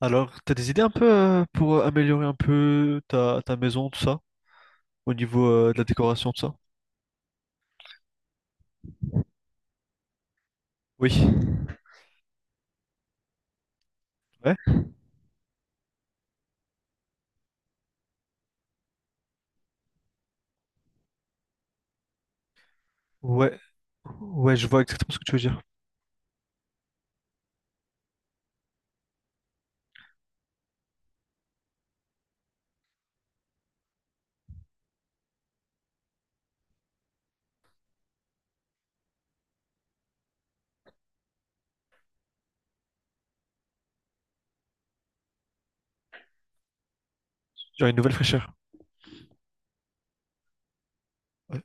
Alors, t'as des idées un peu pour améliorer un peu ta maison, tout ça, au niveau de la décoration, tout ça? Oui. Ouais? Ouais. Ouais, je vois exactement ce que tu veux dire. Genre une nouvelle fraîcheur. Ouais.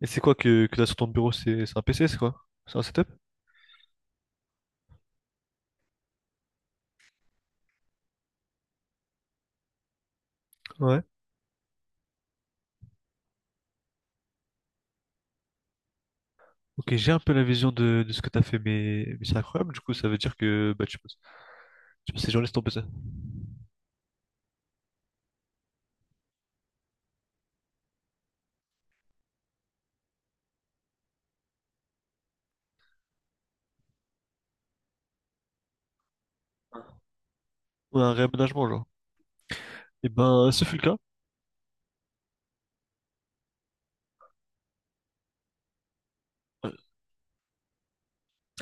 Et c'est quoi que t'as sur ton bureau? C'est un PC, c'est quoi? C'est un setup? Ouais. Ok, j'ai un peu la vision de ce que t'as fait, mais c'est incroyable. Du coup, ça veut dire que bah, tu passes tes journées sur ton PC. Ou un réaménagement, genre. Et ben, ce fut le cas. Ouais.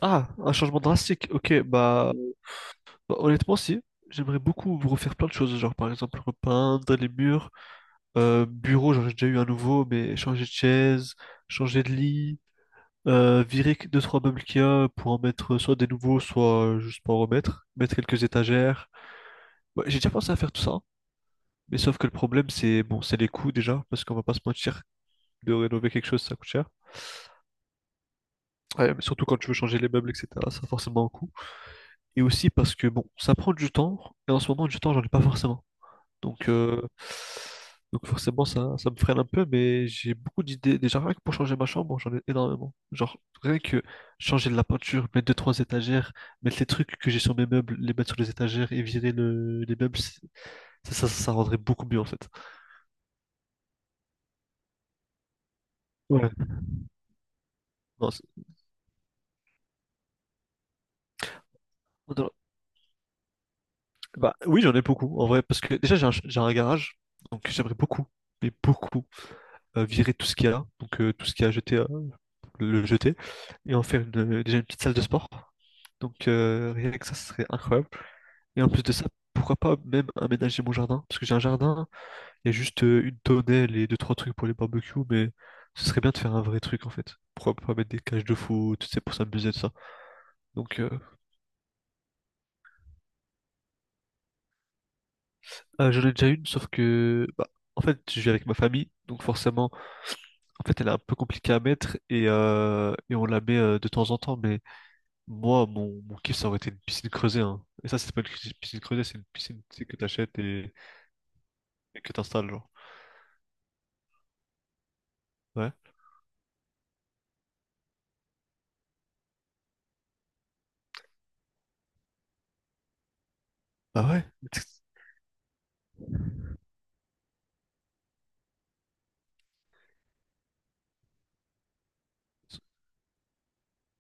Ah, un changement drastique. Ok, bah. Bah, honnêtement, si. J'aimerais beaucoup refaire plein de choses, genre par exemple repeindre les murs, bureau, j'en ai déjà eu un nouveau, mais changer de chaise, changer de lit, virer deux, trois meubles qu'il y a pour en mettre soit des nouveaux, soit juste pour en remettre, mettre quelques étagères. Ouais, j'ai déjà pensé à faire tout ça, mais sauf que le problème c'est bon, c'est les coûts déjà, parce qu'on va pas se mentir, de rénover quelque chose ça coûte cher. Ouais, mais surtout quand tu veux changer les meubles, etc., ça a forcément un coût. Et aussi parce que bon, ça prend du temps, et en ce moment du temps j'en ai pas forcément. Donc, euh, donc forcément, ça me freine un peu, mais j'ai beaucoup d'idées. Déjà, rien que pour changer ma chambre, j'en ai énormément. Genre, rien que changer de la peinture, mettre deux, trois étagères, mettre les trucs que j'ai sur mes meubles, les mettre sur les étagères et virer les meubles. Ça rendrait beaucoup mieux en fait. Ouais. Non, non, bah, oui, j'en ai beaucoup en vrai, parce que déjà, j'ai un garage, donc j'aimerais beaucoup, mais beaucoup, virer tout ce qu'il y a là. Donc, tout ce qu'il y a jeté le jeter et en faire déjà une petite salle de sport. Donc rien que ça, ce serait incroyable. Et en plus de ça, pourquoi pas même aménager mon jardin? Parce que j'ai un jardin, il y a juste une tonnelle et deux, trois trucs pour les barbecues, mais ce serait bien de faire un vrai truc en fait. Pourquoi pas mettre des cages de foot, c'est pour s'amuser de ça. Donc j'en ai déjà une, sauf que bah, en fait je vis avec ma famille, donc forcément en fait elle est un peu compliquée à mettre et on la met de temps en temps, mais Moi, mon kiff, ça aurait été une piscine creusée, hein. Et ça, c'est pas une piscine creusée, c'est une piscine, tu sais, que t'achètes et que t'installes, genre. Ouais. Bah ouais. C'est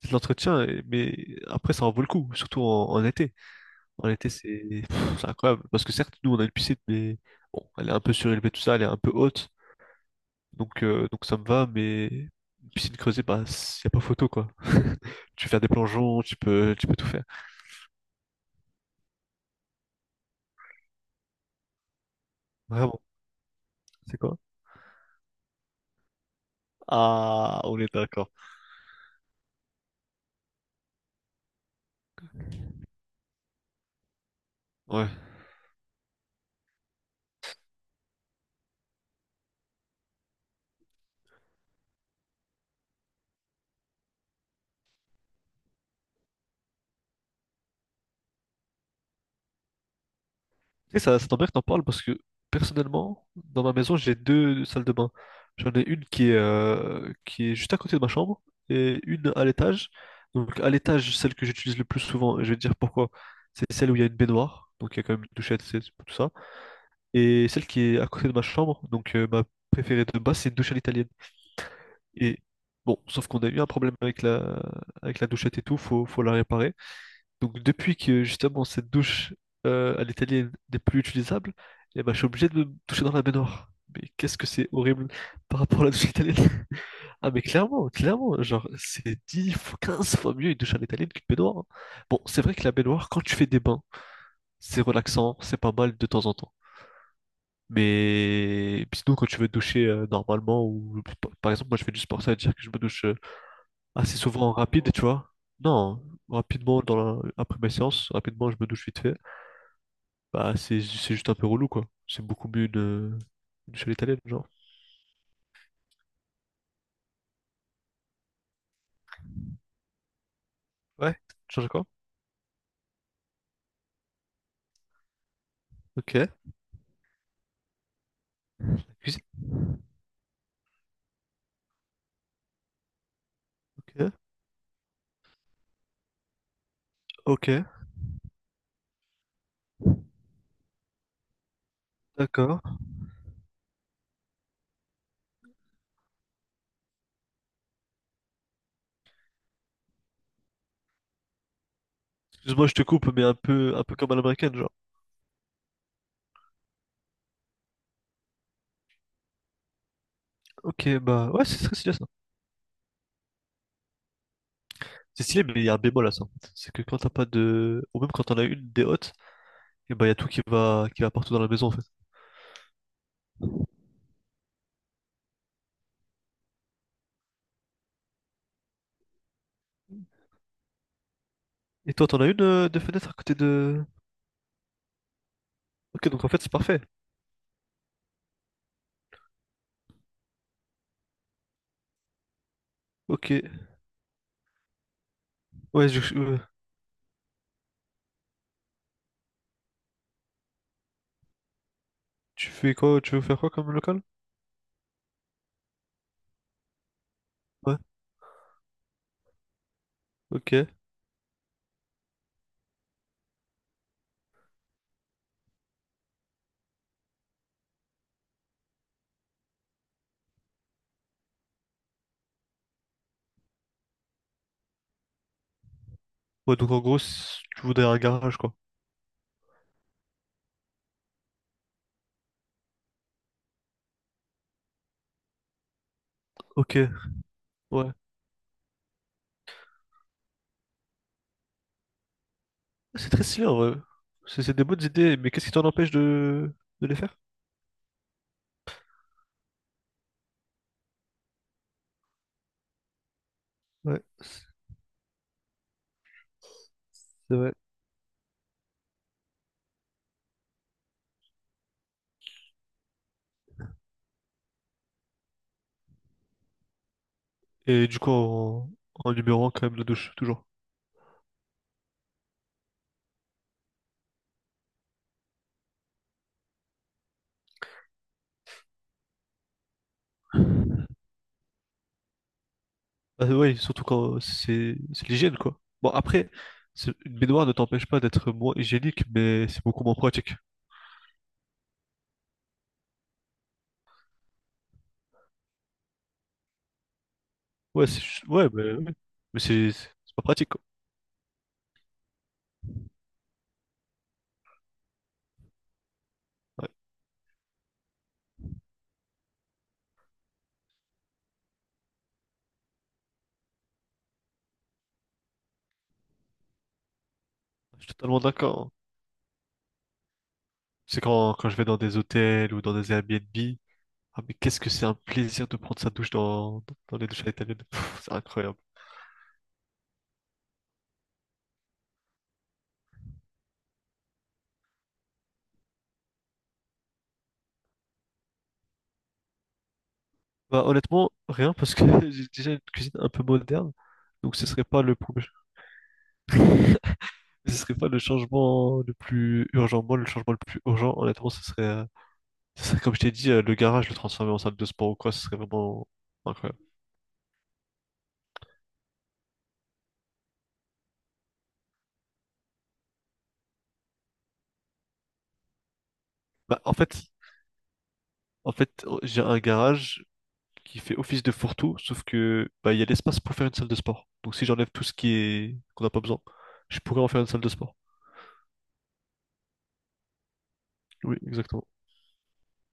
c'est de l'entretien, mais après, ça en vaut le coup, surtout en, été. En été, c'est pff, c'est incroyable. Parce que certes, nous, on a une piscine, mais bon, elle est un peu surélevée, tout ça, elle est un peu haute. Donc ça me va, mais une piscine creusée, bah, y a pas photo, quoi. Tu peux faire des plongeons, tu peux tout faire. Vraiment. C'est quoi? Ah, on est d'accord. Ouais. Et ça tombe bien que t'en parles parce que personnellement, dans ma maison, j'ai deux salles de bain. J'en ai une qui est juste à côté de ma chambre et une à l'étage. Donc à l'étage, celle que j'utilise le plus souvent, et je vais te dire pourquoi, c'est celle où il y a une baignoire, donc il y a quand même une douchette, c'est tout ça. Et celle qui est à côté de ma chambre, donc ma préférée de base, c'est une douche à l'italienne. Et bon, sauf qu'on a eu un problème avec la douchette et tout, faut la réparer. Donc depuis que justement cette douche à l'italienne n'est plus utilisable, eh ben, je suis obligé de me toucher dans la baignoire. Mais qu'est-ce que c'est horrible par rapport à la douche italienne. Ah mais clairement, clairement, genre c'est 10, fois 15 fois mieux une douche à l'italienne qu'une baignoire, hein. Bon, c'est vrai que la baignoire, quand tu fais des bains, c'est relaxant, c'est pas mal de temps en temps. Mais puis sinon quand tu veux te doucher normalement ou par exemple moi je fais du sport, ça veut dire que je me douche assez souvent en rapide, tu vois. Non, rapidement dans après ma séance, rapidement je me douche vite fait. Bah, c'est juste un peu relou, quoi. C'est beaucoup mieux de une seule italienne, genre. Ouais, change quoi? Ok. Cuisine. Ok. Ok. D'accord. Excuse-moi, je te coupe, mais un peu comme à l'américaine, genre. Ok, bah, ouais, c'est très stylé, ça. C'est stylé, mais il y a un bémol à ça. C'est que quand t'as pas de. Ou même quand t'en as une, des hôtes, et bah, il y a tout qui va partout dans la maison, en fait. Et toi, t'en as une de fenêtre à côté de. Ok, donc en fait, c'est parfait. Ok. Ouais, tu fais quoi? Tu veux faire quoi comme local? Ouais. Ok. Ouais, donc en gros, si tu voudrais un garage, quoi. Ok, ouais. C'est très stylé, en vrai. C'est des bonnes idées, mais qu'est-ce qui t'en empêche de les faire? Ouais, c'est vrai. Et du coup, en, numérant quand même la douche, toujours. Bah ouais, surtout quand c'est l'hygiène, quoi. Bon, après, une baignoire ne t'empêche pas d'être moins hygiénique, mais c'est beaucoup moins pratique. Ouais, ouais. Mais c'est pas pratique, quoi. Je suis totalement d'accord, hein. C'est quand je vais dans des hôtels ou dans des Airbnb. Ah, mais qu'est-ce que c'est un plaisir de prendre sa douche dans les douches à l'italienne. C'est incroyable. Bah, honnêtement, rien parce que j'ai déjà une cuisine un peu moderne. Donc ce serait pas le problème. Ce serait pas le changement le plus urgent. Moi, le changement le plus urgent, honnêtement, ce serait ça, comme je t'ai dit, le garage, le transformer en salle de sport ou quoi, ce serait vraiment incroyable. Bah, en fait, oh, j'ai un garage qui fait office de fourre-tout, sauf que bah, il y a l'espace pour faire une salle de sport. Donc si j'enlève tout ce qui est qu'on n'a pas besoin, je pourrais en faire une salle de sport. Oui, exactement.